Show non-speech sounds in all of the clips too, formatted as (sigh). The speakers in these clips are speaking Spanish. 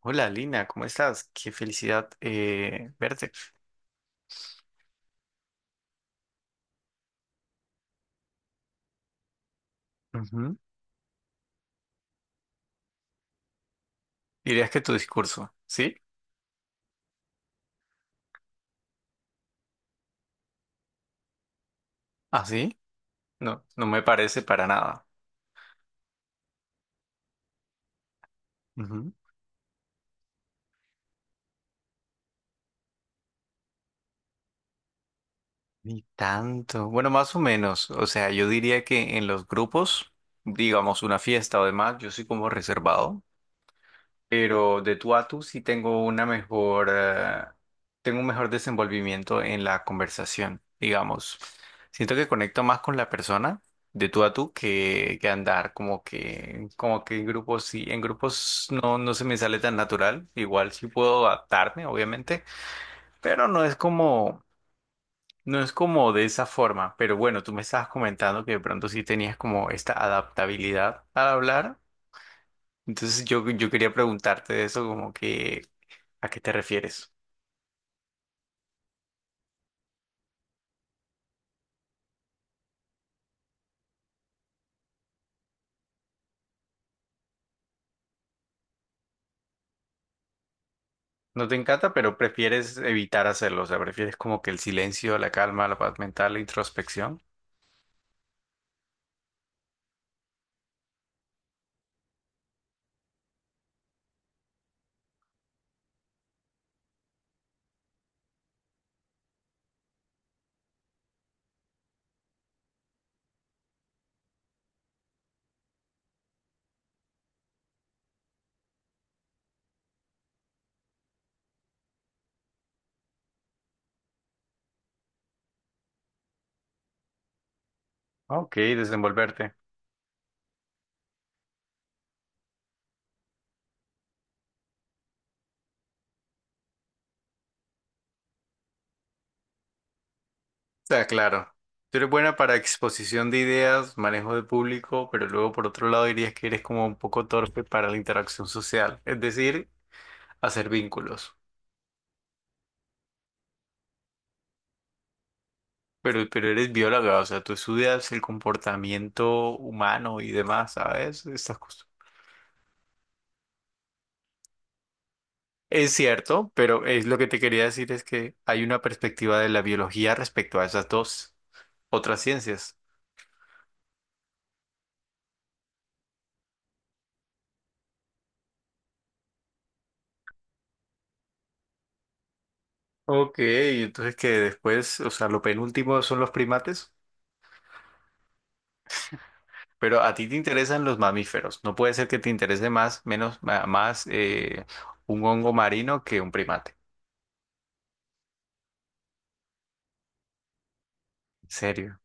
Hola Lina, ¿cómo estás? Qué felicidad, verte. Ujú. ¿Dirías que tu discurso, sí? ¿Ah, sí? No, no me parece para nada. Ujú. Ni tanto. Bueno, más o menos. O sea, yo diría que en los grupos, digamos una fiesta o demás, yo soy como reservado, pero de tú a tú sí tengo una mejor, tengo un mejor desenvolvimiento en la conversación, digamos. Siento que conecto más con la persona de tú a tú que andar como que en grupos sí, en grupos no, no se me sale tan natural. Igual sí puedo adaptarme, obviamente, pero no es como, no es como de esa forma. Pero bueno, tú me estabas comentando que de pronto sí tenías como esta adaptabilidad al hablar. Entonces yo quería preguntarte de eso, como que ¿a qué te refieres? No te encanta, pero prefieres evitar hacerlo, o sea, prefieres como que el silencio, la calma, la paz mental, la introspección. Ok, desenvolverte. Está claro. Tú eres buena para exposición de ideas, manejo de público, pero luego por otro lado dirías que eres como un poco torpe para la interacción social, es decir, hacer vínculos. Pero eres bióloga, o sea, tú estudias el comportamiento humano y demás, ¿sabes? Estas cosas. Es cierto, pero es lo que te quería decir es que hay una perspectiva de la biología respecto a esas dos otras ciencias. Ok, entonces que después, o sea, lo penúltimo son los primates, pero a ti te interesan los mamíferos. No puede ser que te interese más, menos, más, un hongo marino que un primate. Serio.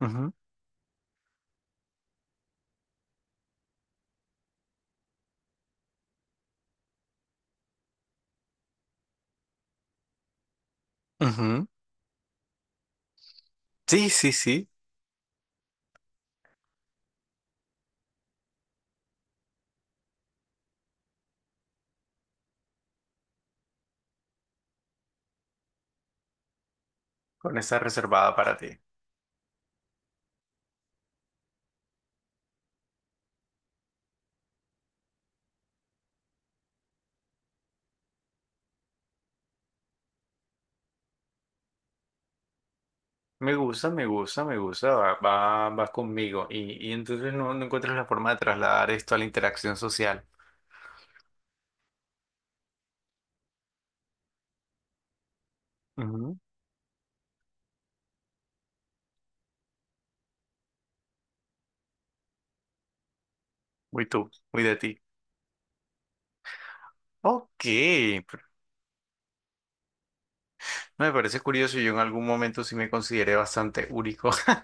Ujú, ujú. Sí, sí, sí. Con esa reservada para ti. Me gusta, me gusta, me gusta, va, va, va conmigo. Y entonces no, no encuentras la forma de trasladar esto a la interacción social. Ujú. Muy tú, muy de ti. Ok, pr- me parece curioso. Yo en algún momento sí me consideré bastante único. (laughs)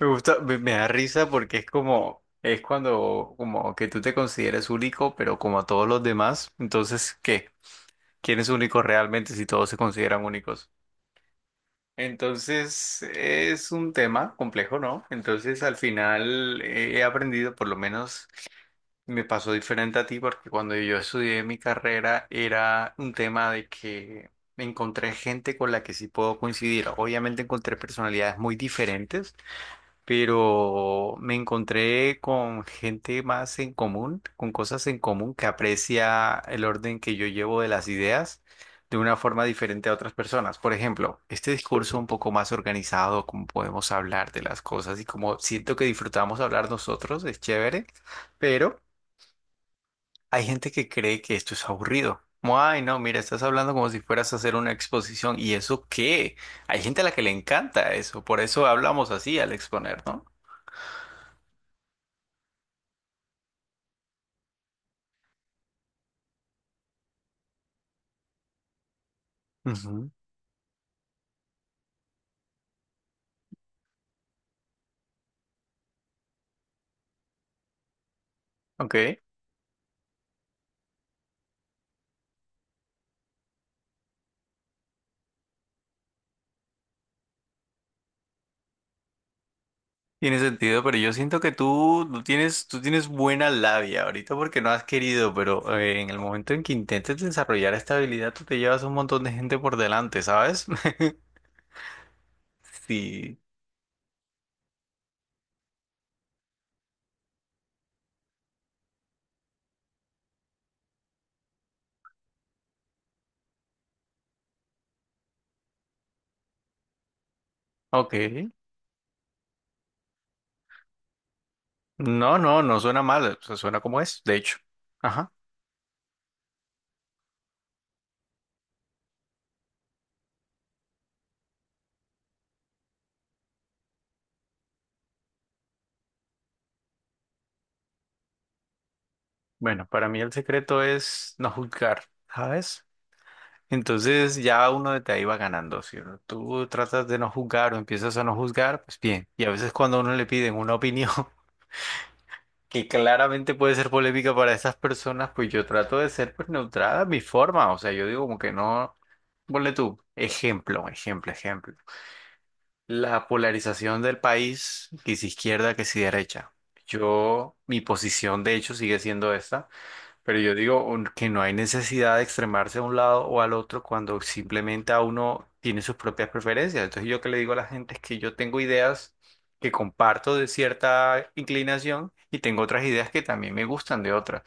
Me gusta, me da risa porque es como, es cuando, como que tú te consideres único, pero como a todos los demás. Entonces, ¿qué? ¿Quién es único realmente si todos se consideran únicos? Entonces es un tema complejo, ¿no? Entonces al final, he aprendido, por lo menos me pasó diferente a ti, porque cuando yo estudié mi carrera era un tema de que me encontré gente con la que sí puedo coincidir. Obviamente encontré personalidades muy diferentes, pero me encontré con gente más en común, con cosas en común que aprecia el orden que yo llevo de las ideas de una forma diferente a otras personas. Por ejemplo, este discurso un poco más organizado, como podemos hablar de las cosas y como siento que disfrutamos hablar nosotros, es chévere, pero hay gente que cree que esto es aburrido. Como, ay, no, mira, estás hablando como si fueras a hacer una exposición. ¿Y eso qué? Hay gente a la que le encanta eso, por eso hablamos así al exponer, ¿no? Ujú. Ok, tiene sentido, pero yo siento que tú, tú tienes buena labia ahorita porque no has querido, pero, en el momento en que intentes desarrollar esta habilidad, tú te llevas un montón de gente por delante, ¿sabes? (laughs) Sí. Ok. No, no, no suena mal, o sea, suena como es, de hecho. Ajá. Bueno, para mí el secreto es no juzgar, ¿sabes? Entonces ya uno de ahí va ganando, si tú tratas de no juzgar o empiezas a no juzgar, pues bien. Y a veces cuando a uno le piden una opinión, que claramente puede ser polémica para esas personas, pues yo trato de ser pues neutral a mi forma, o sea, yo digo como que no, ponle tú, ejemplo, ejemplo, ejemplo. La polarización del país, que si izquierda, que si derecha. Yo, mi posición de hecho sigue siendo esta. Pero yo digo que no hay necesidad de extremarse a un lado o al otro cuando simplemente a uno tiene sus propias preferencias. Entonces yo que le digo a la gente es que yo tengo ideas que comparto de cierta inclinación y tengo otras ideas que también me gustan de otras.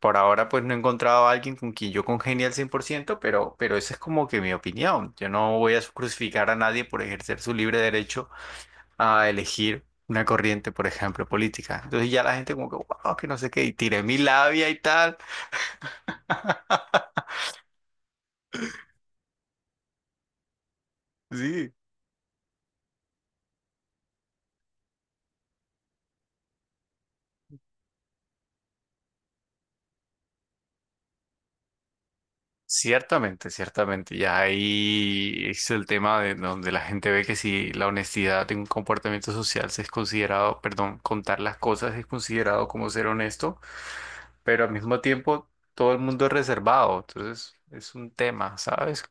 Por ahora pues no he encontrado a alguien con quien yo congenie al 100%, pero esa es como que mi opinión. Yo no voy a crucificar a nadie por ejercer su libre derecho a elegir una corriente, por ejemplo, política. Entonces ya la gente como que, wow, que no sé qué, y tiré mi labia y tal. Sí, ciertamente, ciertamente. Ya ahí es el tema de donde la gente ve que si la honestidad de un comportamiento social se es considerado, perdón, contar las cosas es considerado como ser honesto, pero al mismo tiempo todo el mundo es reservado. Entonces es un tema, ¿sabes?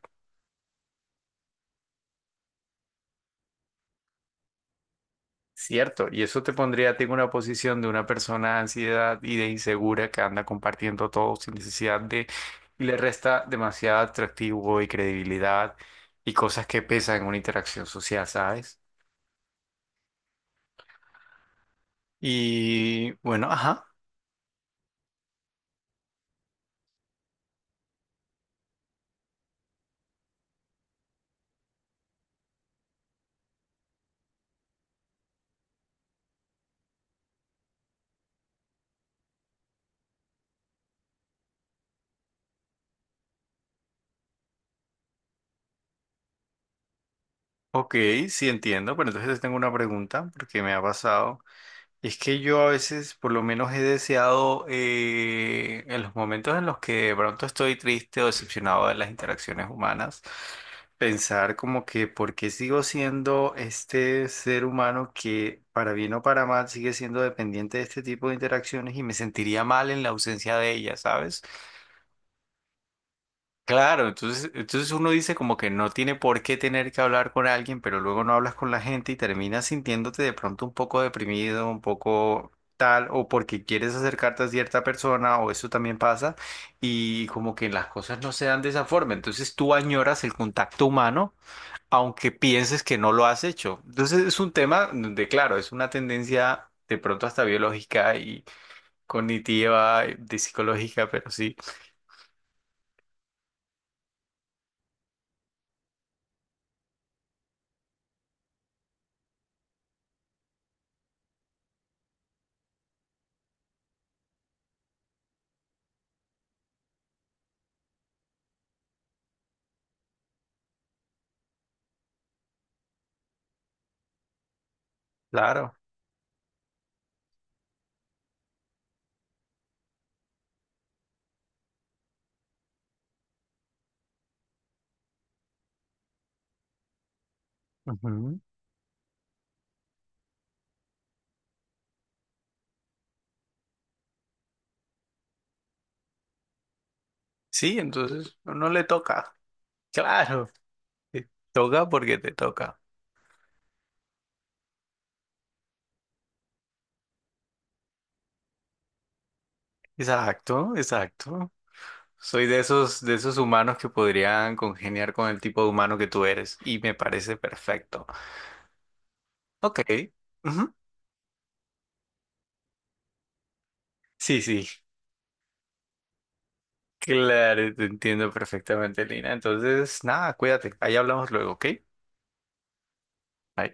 Cierto, y eso te pondría a ti en una posición de una persona de ansiedad y de insegura que anda compartiendo todo sin necesidad de, y le resta demasiado atractivo y credibilidad y cosas que pesan en una interacción social, ¿sabes? Y bueno, ajá, ok, sí entiendo, pero entonces tengo una pregunta porque me ha pasado. Es que yo a veces, por lo menos, he deseado, en los momentos en los que de pronto estoy triste o decepcionado de las interacciones humanas, pensar como que por qué sigo siendo este ser humano que, para bien o para mal, sigue siendo dependiente de este tipo de interacciones y me sentiría mal en la ausencia de ellas, ¿sabes? Claro, entonces, entonces uno dice como que no tiene por qué tener que hablar con alguien, pero luego no hablas con la gente y terminas sintiéndote de pronto un poco deprimido, un poco tal, o porque quieres acercarte a cierta persona, o eso también pasa, y como que las cosas no se dan de esa forma. Entonces tú añoras el contacto humano, aunque pienses que no lo has hecho. Entonces es un tema de, claro, es una tendencia de pronto hasta biológica y cognitiva, de psicológica, pero sí, claro. Ujú. Sí, entonces no, no le toca. Claro, te toca porque te toca. Exacto, exacto. Soy de esos humanos que podrían congeniar con el tipo de humano que tú eres y me parece perfecto. Ok. Ujú. Sí, sí, claro, te entiendo perfectamente, Lina. Entonces, nada, cuídate. Ahí hablamos luego, ¿ok? Bye.